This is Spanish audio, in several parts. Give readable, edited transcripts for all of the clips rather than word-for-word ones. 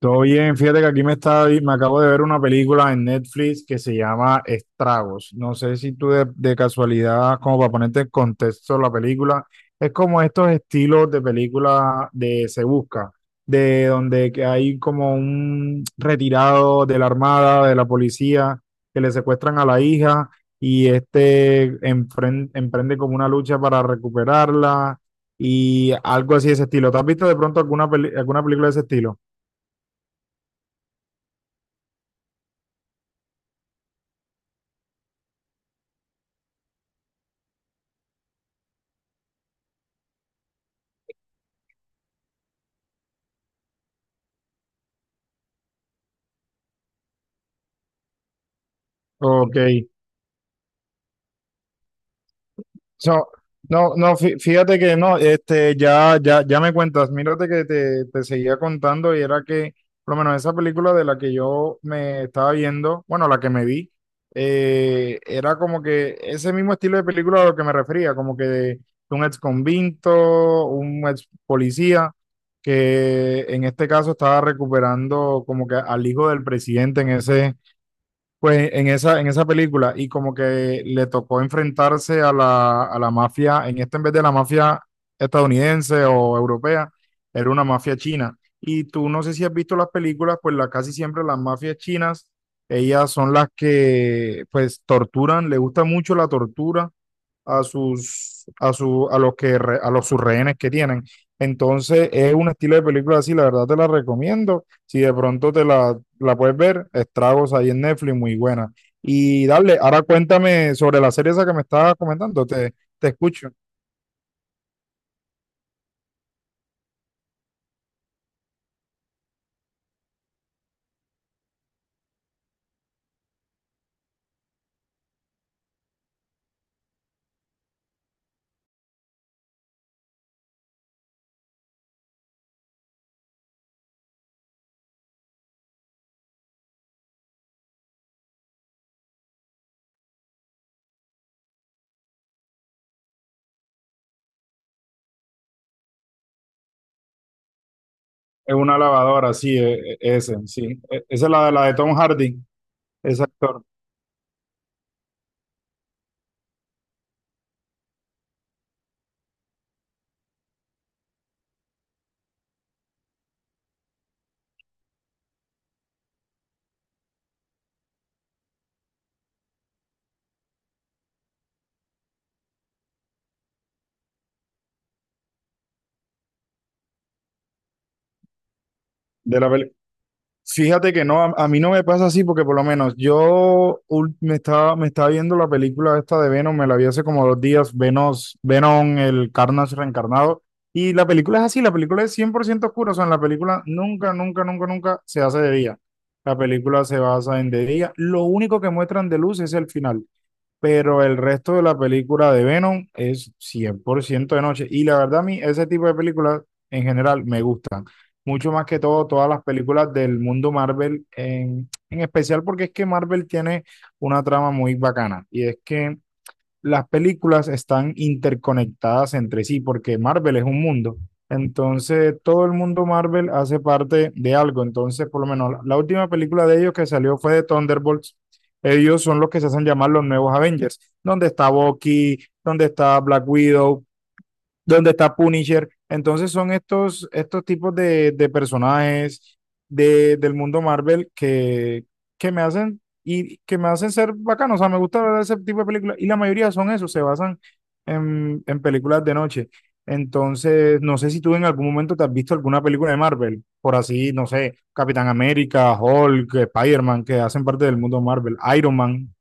Todo bien, fíjate que aquí me está, me acabo de ver una película en Netflix que se llama Estragos. No sé si tú de casualidad, como para ponerte en contexto la película, es como estos estilos de película de Se Busca, de donde que hay como un retirado de la armada, de la policía, que le secuestran a la hija y emprende como una lucha para recuperarla y algo así de ese estilo. ¿Te has visto de pronto alguna, alguna película de ese estilo? Ok. So, no, no, fíjate que no, ya, ya, ya me cuentas, mírate que te seguía contando y era que, por lo menos esa película de la que yo me estaba viendo, bueno, la que me vi, era como que ese mismo estilo de película a lo que me refería, como que de un ex convicto, un ex policía, que en este caso estaba recuperando como que al hijo del presidente en ese. Pues en esa película, y como que le tocó enfrentarse a a la mafia, en esta en vez de la mafia estadounidense o europea, era una mafia china. Y tú no sé si has visto las películas, pues la, casi siempre las mafias chinas, ellas son las que pues torturan, le gusta mucho la tortura a su, a los que, a los sus rehenes que tienen. Entonces, es un estilo de película así, la verdad te la recomiendo. Si de pronto la puedes ver, Estragos ahí en Netflix, muy buena. Y dale, ahora cuéntame sobre la serie esa que me estabas comentando, te escucho. Es una lavadora, sí, ese, sí. Esa es la de Tom Hardy, ese actor de la peli-. Fíjate que no, a mí no me pasa así porque por lo menos yo me estaba viendo la película esta de Venom, me la vi hace como dos días, Venom, el Carnage reencarnado, y la película es así, la película es 100% oscura, o sea, en la película nunca, nunca, nunca, nunca se hace de día, la película se basa en de día, lo único que muestran de luz es el final, pero el resto de la película de Venom es 100% de noche, y la verdad a mí ese tipo de películas en general me gusta mucho más que todo todas las películas del mundo Marvel, en especial porque es que Marvel tiene una trama muy bacana y es que las películas están interconectadas entre sí porque Marvel es un mundo. Entonces, todo el mundo Marvel hace parte de algo. Entonces, por lo menos la última película de ellos que salió fue de Thunderbolts. Ellos son los que se hacen llamar los nuevos Avengers, donde está Bucky, donde está Black Widow, donde está Punisher. Entonces son estos tipos de personajes del mundo Marvel que me hacen y que me hacen ser bacano. O sea, me gusta ver ese tipo de películas. Y la mayoría son eso, se basan en películas de noche. Entonces, no sé si tú en algún momento te has visto alguna película de Marvel, por así, no sé, Capitán América, Hulk, Spider-Man, que hacen parte del mundo Marvel, Iron Man.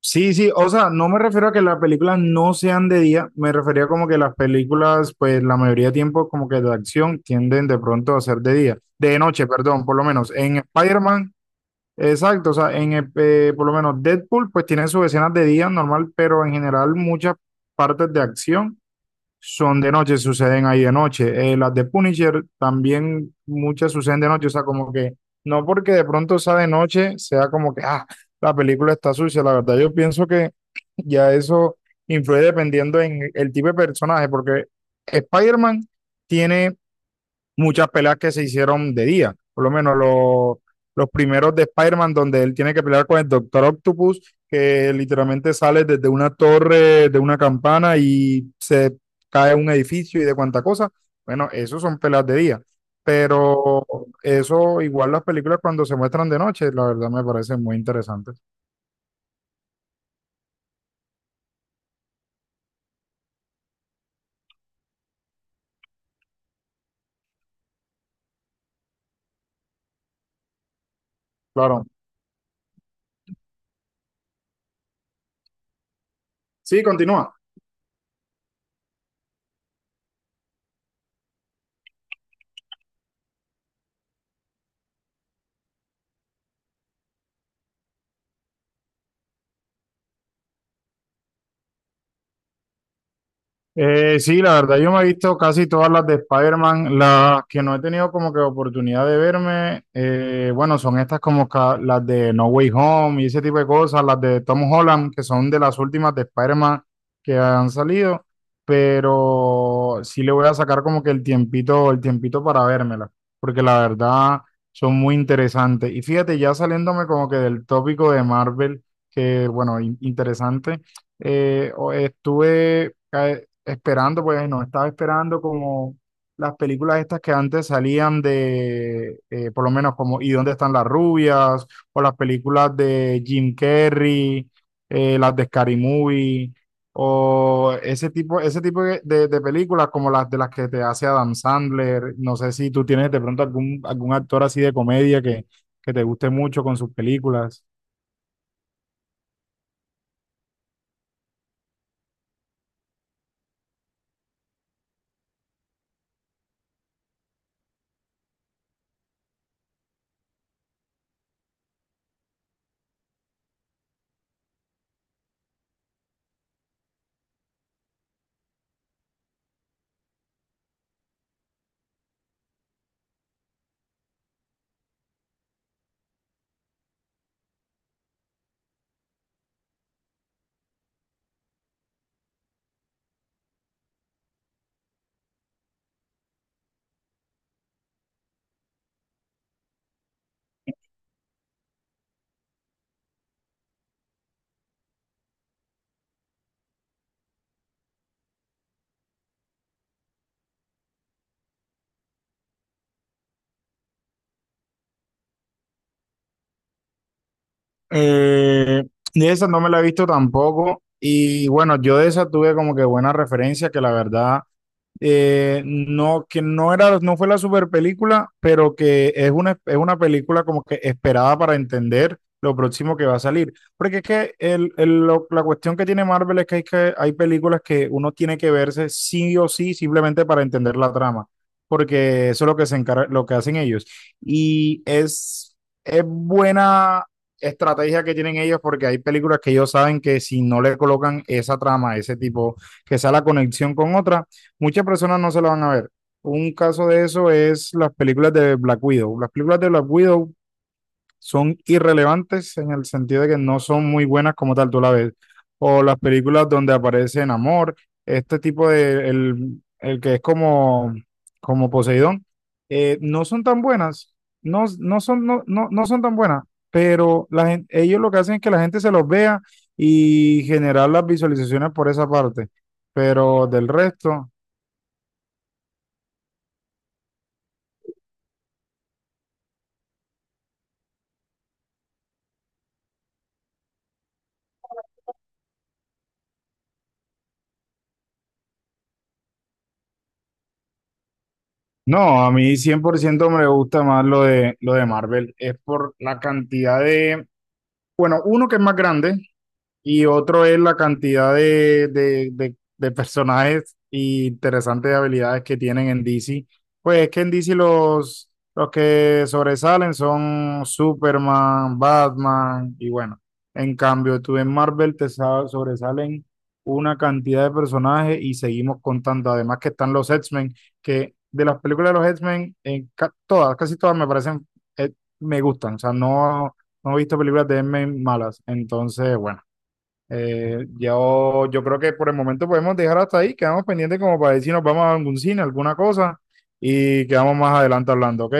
Sí, sí, o sea, no me refiero a que las películas no sean de día, me refería como que las películas, pues la mayoría de tiempo como que de acción tienden de pronto a ser de día, de noche, perdón, por lo menos en Spider-Man, exacto, o sea, en por lo menos Deadpool, pues tiene sus escenas de día normal, pero en general muchas partes de acción son de noche, suceden ahí de noche. Las de Punisher también muchas suceden de noche, o sea, como que no porque de pronto sea de noche, sea como que, ah, la película está sucia, la verdad yo pienso que ya eso influye dependiendo en el tipo de personaje, porque Spider-Man tiene muchas peleas que se hicieron de día, por lo menos los primeros de Spider-Man donde él tiene que pelear con el Doctor Octopus, que literalmente sale desde una torre, de una campana y se cae un edificio y de cuánta cosa. Bueno, eso son peleas de día, pero eso igual las películas cuando se muestran de noche, la verdad me parecen muy interesantes. Claro. Sí, continúa. Sí, la verdad, yo me he visto casi todas las de Spider-Man. Las que no he tenido como que oportunidad de verme, bueno, son estas como las de No Way Home y ese tipo de cosas, las de Tom Holland, que son de las últimas de Spider-Man que han salido, pero sí le voy a sacar como que el tiempito para vérmela, porque la verdad son muy interesantes. Y fíjate, ya saliéndome como que del tópico de Marvel, que bueno, interesante, estuve... esperando, pues nos estaba esperando como las películas estas que antes salían de, por lo menos como ¿Y dónde están las rubias? O las películas de Jim Carrey, las de Scary Movie, o ese tipo de películas como las de las que te hace Adam Sandler. No sé si tú tienes de pronto algún actor así de comedia que te guste mucho con sus películas. Eh, de esa no me la he visto tampoco. Y bueno, yo de esa tuve como que buena referencia, que la verdad no, que no era, no fue la super película, pero que es una película como que esperada para entender lo próximo que va a salir. Porque es que la cuestión que tiene Marvel es que hay películas que uno tiene que verse sí o sí simplemente para entender la trama, porque eso es lo que se encarga, lo que hacen ellos. Y es, es buena estrategia que tienen ellos porque hay películas que ellos saben que si no le colocan esa trama, ese tipo, que sea la conexión con otra, muchas personas no se la van a ver. Un caso de eso es las películas de Black Widow. Las películas de Black Widow son irrelevantes en el sentido de que no son muy buenas como tal tú la ves. O las películas donde aparece en amor, este tipo de, el que es como, como Poseidón, no son tan buenas. No, no son, no, no, no son tan buenas, pero ellos lo que hacen es que la gente se los vea y generar las visualizaciones por esa parte. Pero del resto... No, a mí 100% me gusta más lo lo de Marvel. Es por la cantidad de... Bueno, uno que es más grande, y otro es la cantidad de personajes y interesantes habilidades que tienen en DC. Pues es que en DC los que sobresalen son Superman, Batman y bueno. En cambio, tú en Marvel sobresalen una cantidad de personajes y seguimos contando. Además que están los X-Men, que de las películas de los X-Men, todas, casi todas me parecen, eh, me gustan. O sea, no, no he visto películas de X-Men malas. Entonces, bueno. Yo creo que por el momento podemos dejar hasta ahí, quedamos pendientes como para decir si nos vamos a algún cine, alguna cosa, y quedamos más adelante hablando, ¿ok?